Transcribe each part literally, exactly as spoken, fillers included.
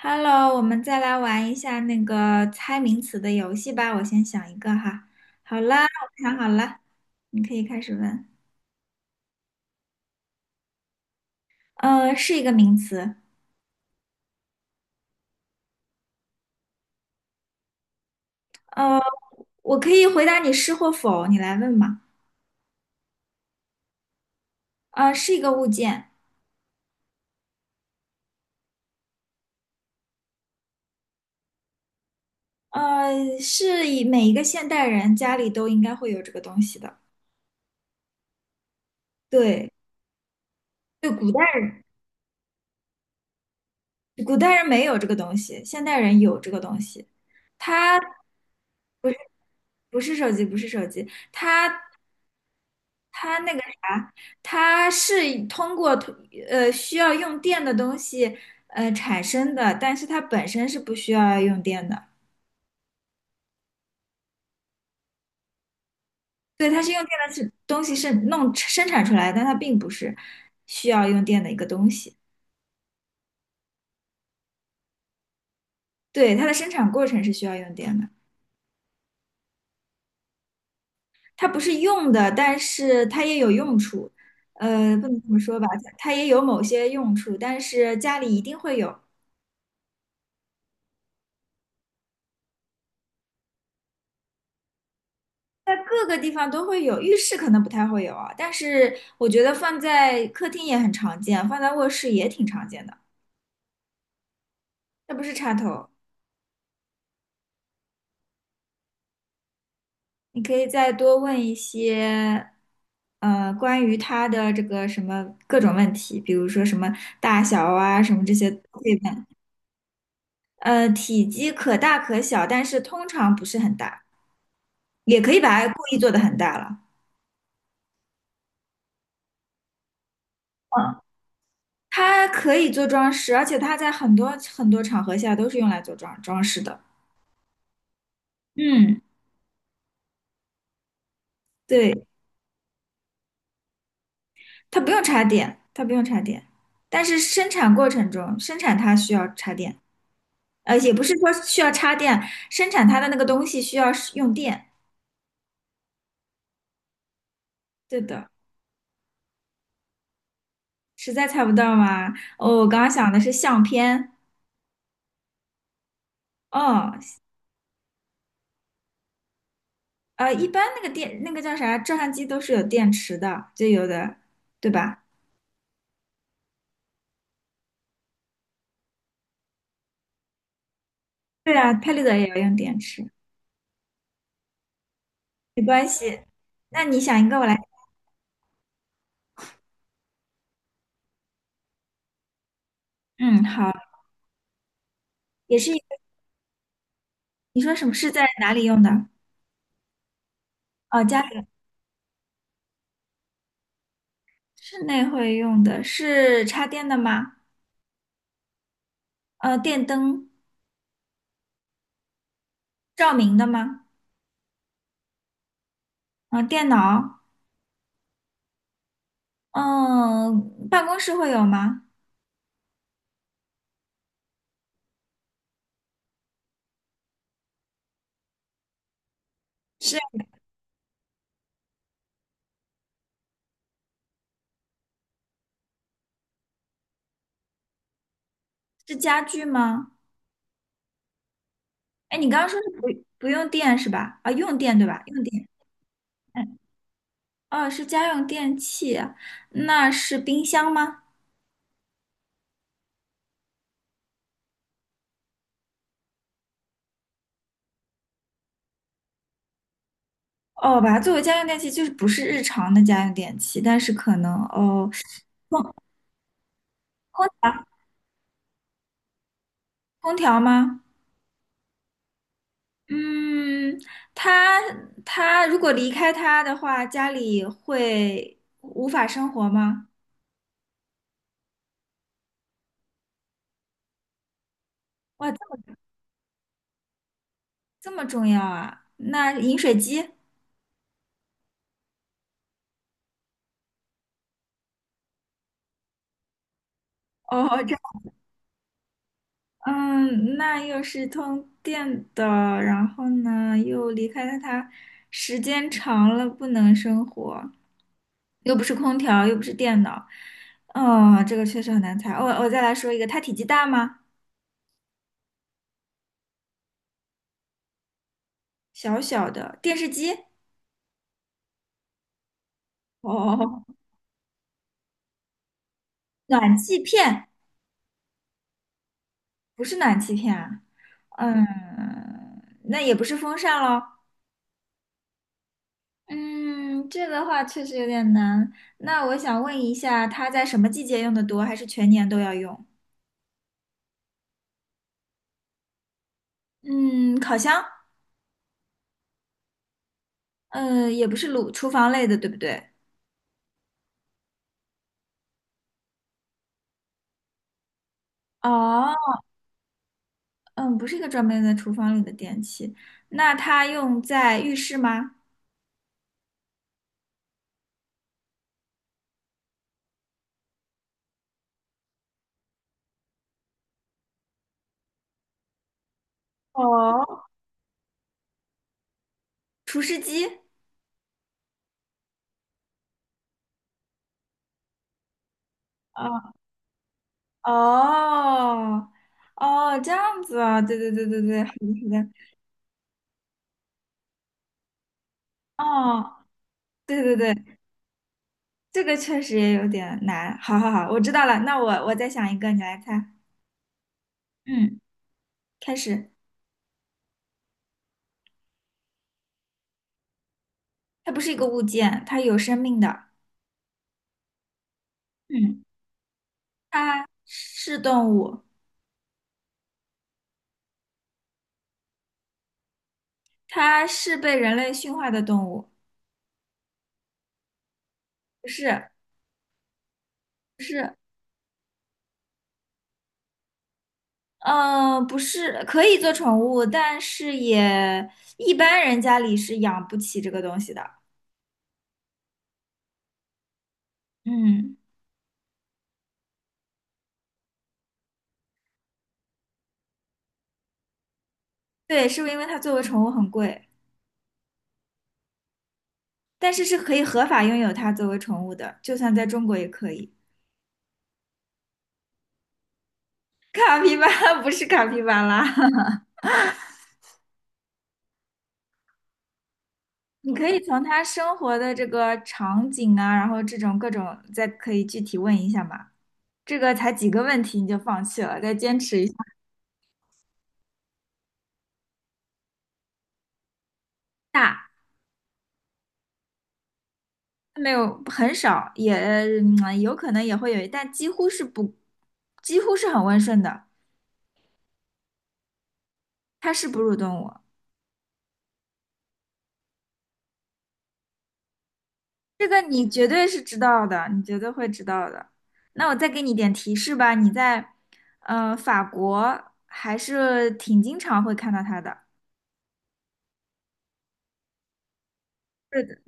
Hello，我们再来玩一下那个猜名词的游戏吧。我先想一个哈。好啦，我想好了，你可以开始问。呃，是一个名词。呃，我可以回答你是或否，你来问吧。呃，是一个物件。呃，是以每一个现代人家里都应该会有这个东西的。对，对，古代人古代人没有这个东西，现代人有这个东西。它不是不是手机，不是手机，它。它那个啥，它是通过通呃需要用电的东西呃产生的，但是它本身是不需要用电的。对，它是用电的是东西是弄生产出来的但它并不是需要用电的一个东西。对，它的生产过程是需要用电的，它不是用的，但是它也有用处。呃，不能这么说吧，它它也有某些用处，但是家里一定会有。各个地方都会有，浴室可能不太会有啊，但是我觉得放在客厅也很常见，放在卧室也挺常见的，这不是插头。你可以再多问一些，呃，关于它的这个什么各种问题，比如说什么大小啊，什么这些都可以问。呃，体积可大可小，但是通常不是很大，也可以把它故意做得很大了。嗯，它可以做装饰，而且它在很多很多场合下都是用来做装装饰的。嗯。对，它不用插电，它不用插电，但是生产过程中，生产它需要插电，呃，也不是说需要插电，生产它的那个东西需要使用电。对的，实在猜不到吗？哦，我刚刚想的是相片。哦，呃，一般那个电，那个叫啥，照相机都是有电池的，就有的，对吧？对啊，拍立得也要用电池，没关系。那你想一个，我来。嗯，好，也是一个。你说什么是在哪里用的？哦，家。室内会用的是插电的吗？呃，电灯照明的吗？呃，电脑？嗯、办公室会有吗？是是家具吗？哎，你刚刚说是不不用电是吧？啊，用电对吧？用电。嗯，哦，是家用电器，那是冰箱吗？哦，把它作为家用电器，就是不是日常的家用电器，但是可能哦，空空调吗？嗯，他他如果离开他的话，家里会无法生活吗？哇，这么这么重要啊！那饮水机，哦，这样，嗯，那又是通电的，然后呢，又离开了他，时间长了不能生活，又不是空调，又不是电脑，哦，这个确实很难猜。我我再来说一个，它体积大吗？小小的电视机，哦，暖气片。不是暖气片啊，嗯，那也不是风扇喽。嗯，这个话确实有点难。那我想问一下，它在什么季节用的多，还是全年都要用？嗯，烤箱，嗯，也不是炉厨房类的，对不对？哦，嗯，不是一个专门在厨房里的电器。那它用在浴室吗？哦，除湿机。哦哦哦，这样子啊，对对对对对，好的好的。哦，对对对，这个确实也有点难。好好好，我知道了。那我我再想一个，你来猜。嗯，开始。它不是一个物件，它有生命的。嗯，它是动物，它是被人类驯化的动物。不是，不是，嗯、不是，可以做宠物，但是也一般人家里是养不起这个东西的。嗯，对，是不是因为它作为宠物很贵，但是是可以合法拥有它作为宠物的，就算在中国也可以。卡皮巴拉 不是卡皮巴拉，你可以从它生活的这个场景啊，然后这种各种，再可以具体问一下嘛。这个才几个问题你就放弃了，再坚持一下。大没有很少，也嗯有可能也会有，但几乎是不，几乎是很温顺的，它是哺乳动物。这个你绝对是知道的，你绝对会知道的。那我再给你点提示吧，你在呃法国还是挺经常会看到它的。是的。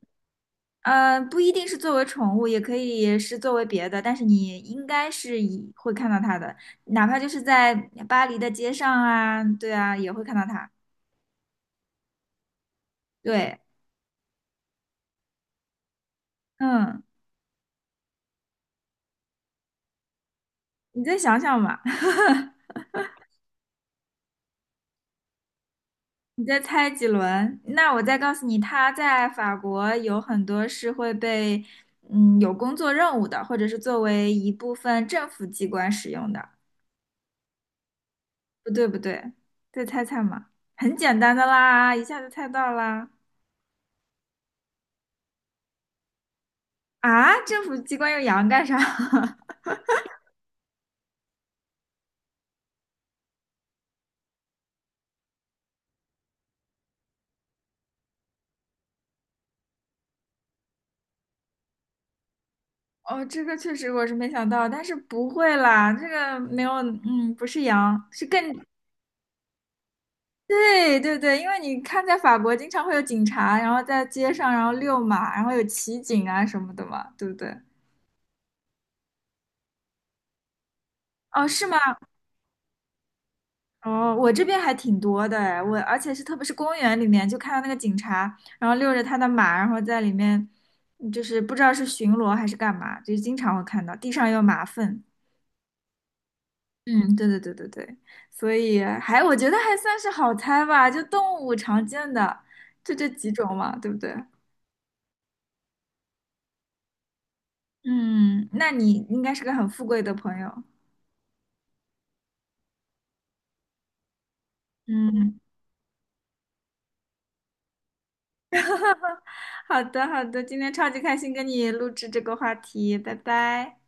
呃，不一定是作为宠物，也可以是作为别的，但是你应该是以会看到它的，哪怕就是在巴黎的街上啊，对啊，也会看到它。对，嗯，你再想想吧，你再猜几轮，那我再告诉你，它在法国有很多是会被，嗯，有工作任务的，或者是作为一部分政府机关使用的。不对，不对，再猜猜嘛，很简单的啦，一下就猜到啦。啊，政府机关用羊干啥？哦，这个确实我是没想到，但是不会啦，这个没有，嗯，不是羊，是更，对对对，因为你看在法国经常会有警察，然后在街上然后遛马，然后有骑警啊什么的嘛，对不对？哦，是吗？哦，我这边还挺多的哎，我而且是特别是公园里面，就看到那个警察，然后遛着他的马，然后在里面，就是不知道是巡逻还是干嘛，就是经常会看到地上有马粪。嗯，对对对对对，所以还我觉得还算是好猜吧，就动物常见的，就这几种嘛，对不对？嗯，那你应该是个很富贵的朋友。嗯，好的好的，今天超级开心跟你录制这个话题，拜拜。